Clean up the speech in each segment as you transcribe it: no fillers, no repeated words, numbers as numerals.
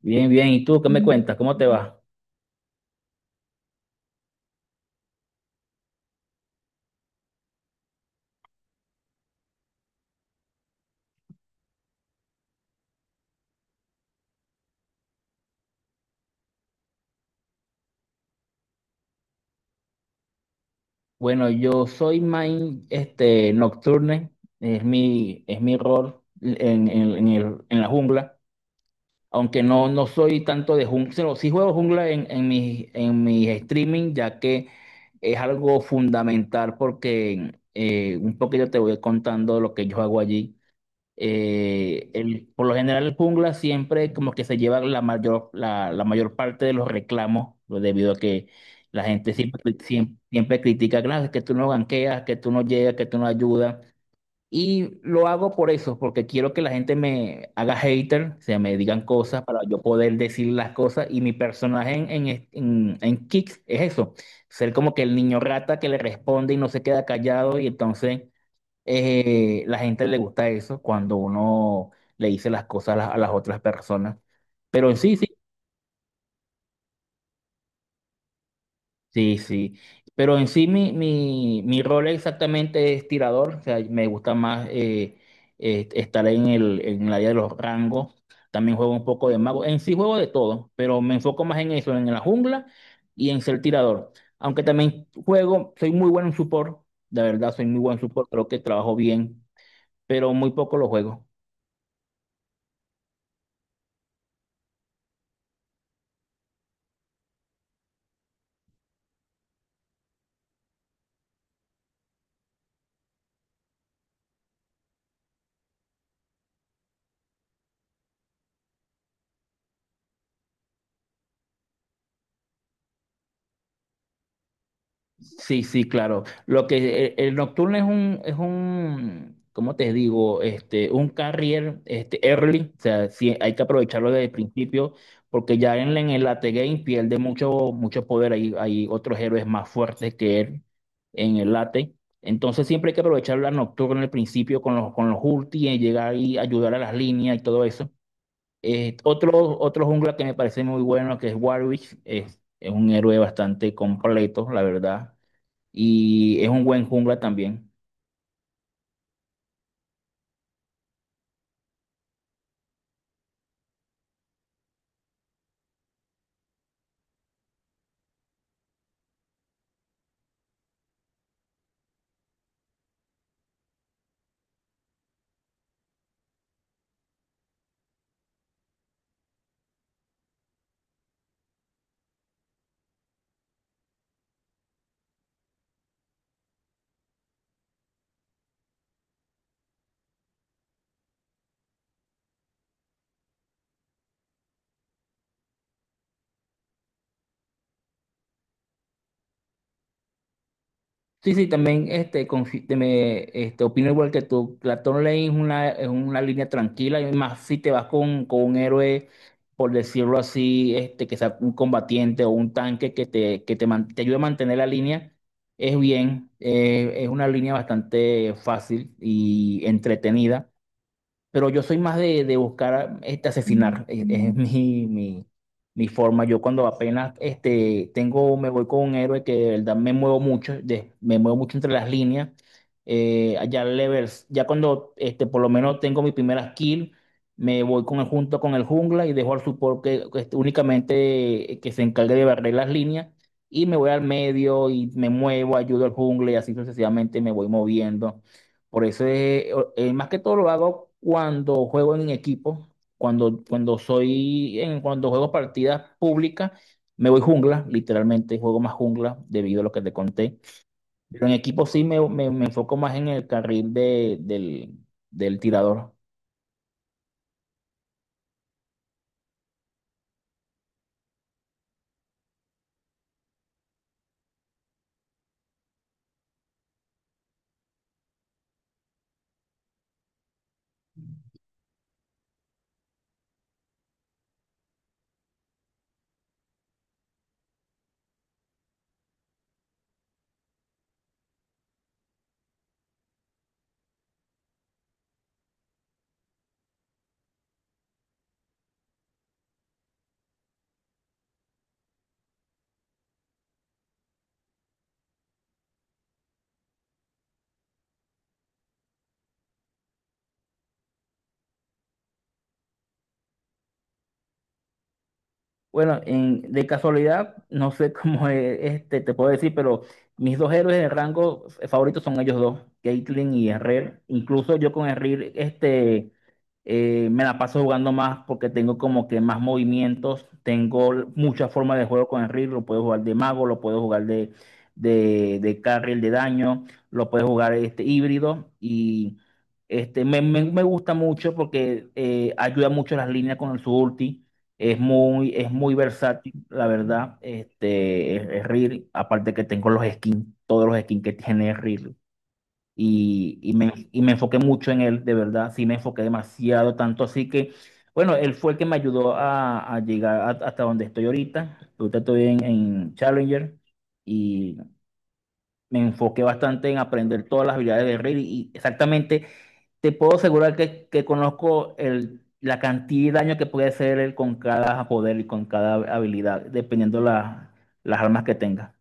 Bien, bien. ¿Y tú qué me cuentas? ¿Cómo te va? Bueno, yo soy main Nocturne, es mi rol en la jungla, aunque no soy tanto de jungla, sí juego jungla en mis streaming, ya que es algo fundamental porque un poquito te voy contando lo que yo hago allí. Por lo general el jungla siempre como que se lleva la mayor parte de los reclamos, pues, debido a que la gente siempre, siempre, siempre critica: "Claro, es que tú no ganqueas, que tú no llegas, que tú no ayudas". Y lo hago por eso, porque quiero que la gente me haga hater, o sea, me digan cosas para yo poder decir las cosas. Y mi personaje en Kick es eso, ser como que el niño rata que le responde y no se queda callado y entonces. La gente le gusta eso cuando uno le dice las cosas a las otras personas. Pero en sí, sí, sí, sí. Pero en sí mi rol exactamente es tirador. O sea, me gusta más estar en el área de los rangos. También juego un poco de mago. En sí juego de todo, pero me enfoco más en eso, en la jungla y en ser tirador. Aunque también juego, soy muy bueno en support. De verdad, soy muy buen support. Creo que trabajo bien, pero muy poco lo juego. Sí, sí, claro. Lo que Nocturne es un, ¿cómo te digo? Un carrier, early. O sea, sí, hay que aprovecharlo desde el principio, porque ya en el late game pierde mucho, mucho poder. Hay otros héroes más fuertes que él en el late. Entonces siempre hay que aprovechar la Nocturne al principio con los ulti, y llegar y ayudar a las líneas y todo eso. Eh, otro, otro jungla que me parece muy bueno, que es Warwick, es un héroe bastante completo, la verdad, y es un buen jungla también. Sí, sí, también opino igual que tú. La Claton Lane es una, línea tranquila, y más si te vas con un héroe, por decirlo así, que sea un combatiente o un tanque que te te ayude a mantener la línea, es bien, es una línea bastante fácil y entretenida. Pero yo soy más de, buscar asesinar. Es mi forma. Yo cuando apenas me voy con un héroe que de verdad me muevo mucho, me muevo mucho entre las líneas. Allá levels, ya cuando por lo menos tengo mi primera kill, me voy junto con el jungla y dejo al support que este, únicamente que se encargue de barrer las líneas. Y me voy al medio y me muevo, ayudo al jungla y así sucesivamente me voy moviendo. Por eso más que todo lo hago cuando juego en equipo, cuando juego partidas públicas, me voy jungla, literalmente juego más jungla debido a lo que te conté. Pero en equipo sí me enfoco más en el carril del tirador. Bueno, de casualidad, no sé cómo es, te puedo decir, pero mis dos héroes de rango favoritos son ellos dos, Caitlyn y Herrera. Incluso yo con Herrera. Me la paso jugando más porque tengo como que más movimientos, tengo muchas formas de juego con el reel. Lo puedo jugar de mago, lo puedo jugar de, carril de daño, lo puedo jugar este híbrido, y me gusta mucho porque ayuda mucho las líneas con su ulti, es muy versátil, la verdad. Es reel, aparte que tengo los skins, todos los skins que tiene reel, y me enfoqué mucho en él, de verdad, sí me enfoqué demasiado, tanto así que, bueno, él fue el que me ayudó a llegar hasta donde estoy ahorita. Ahorita estoy en Challenger y me enfoqué bastante en aprender todas las habilidades de Raid y exactamente te puedo asegurar que conozco la cantidad de daño que puede hacer él con cada poder y con cada habilidad, dependiendo las armas que tenga.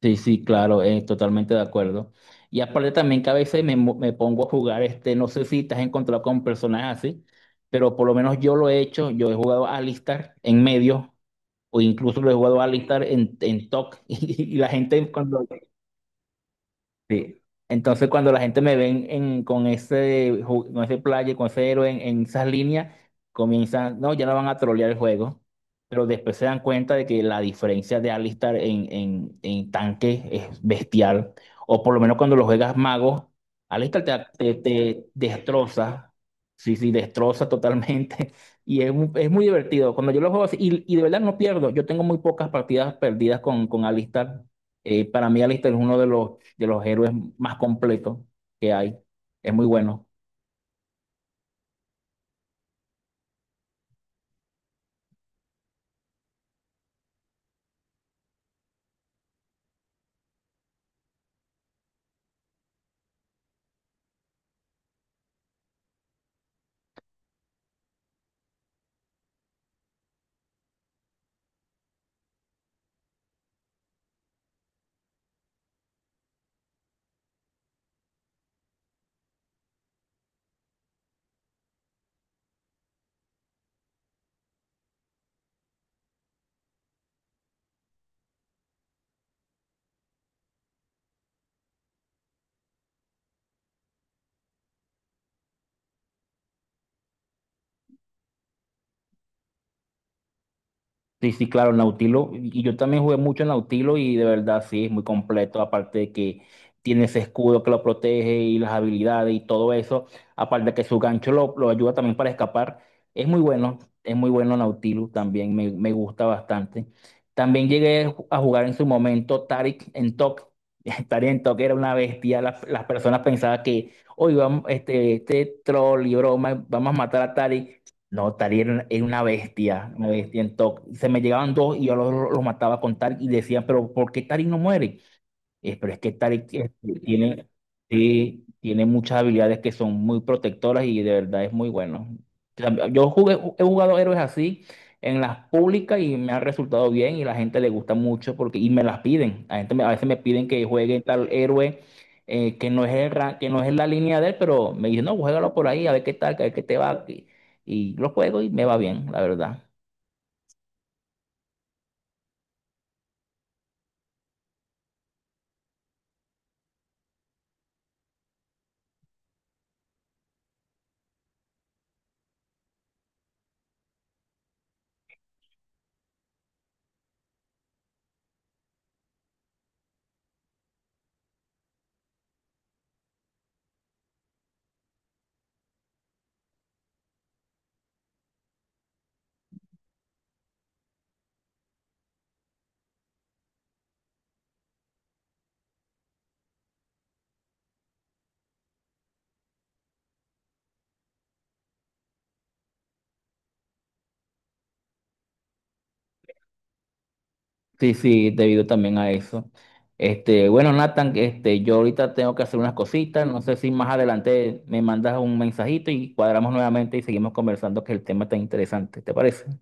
Sí, sí, claro, totalmente de acuerdo. Y aparte también que a veces me pongo a jugar, no sé si te has encontrado con personajes así, pero por lo menos yo lo he hecho. Yo he jugado a Alistar en medio, o incluso lo he jugado a Alistar en TOC, y, la gente cuando. Sí. Entonces, cuando la gente me ven con ese player, con ese héroe en esas líneas, comienzan, no, ya no van a trolear el juego, pero después se dan cuenta de que la diferencia de Alistar en tanque es bestial, o por lo menos cuando lo juegas mago, Alistar te destroza, sí, sí, destroza totalmente, y es muy divertido. Cuando yo lo juego así, y de verdad no pierdo. Yo tengo muy pocas partidas perdidas con Alistar. Para mí Alistar es uno de los héroes más completos que hay. Es muy bueno. Sí, sí, claro, Nautilo. Y yo también jugué mucho en Nautilo y de verdad sí, es muy completo. Aparte de que tiene ese escudo que lo protege y las habilidades y todo eso. Aparte de que su gancho lo ayuda también para escapar. Es muy bueno Nautilus también, me gusta bastante. También llegué a jugar en su momento Taric en Tok. Taric en Tok era una bestia. Las personas pensaban que, hoy vamos, este troll y broma, vamos a matar a Taric. No, Tari era una, bestia, una bestia en TOC. Se me llegaban dos y yo los mataba con Tari y decían: pero ¿por qué Tari no muere? Pero es que Tarik tiene, sí, tiene muchas habilidades que son muy protectoras y de verdad es muy bueno. O sea, yo he jugado héroes así en las públicas y me ha resultado bien y la gente le gusta mucho porque, y me las piden. La gente a veces me piden que juegue tal héroe, que no es la línea de él, pero me dicen: no, juégalo por ahí, a ver qué tal, a ver qué te va. Y lo juego y me va bien, la verdad. Sí, sí, debido también a eso. Bueno, Nathan, yo ahorita tengo que hacer unas cositas. No sé si más adelante me mandas un mensajito y cuadramos nuevamente y seguimos conversando, que el tema está interesante. ¿Te parece?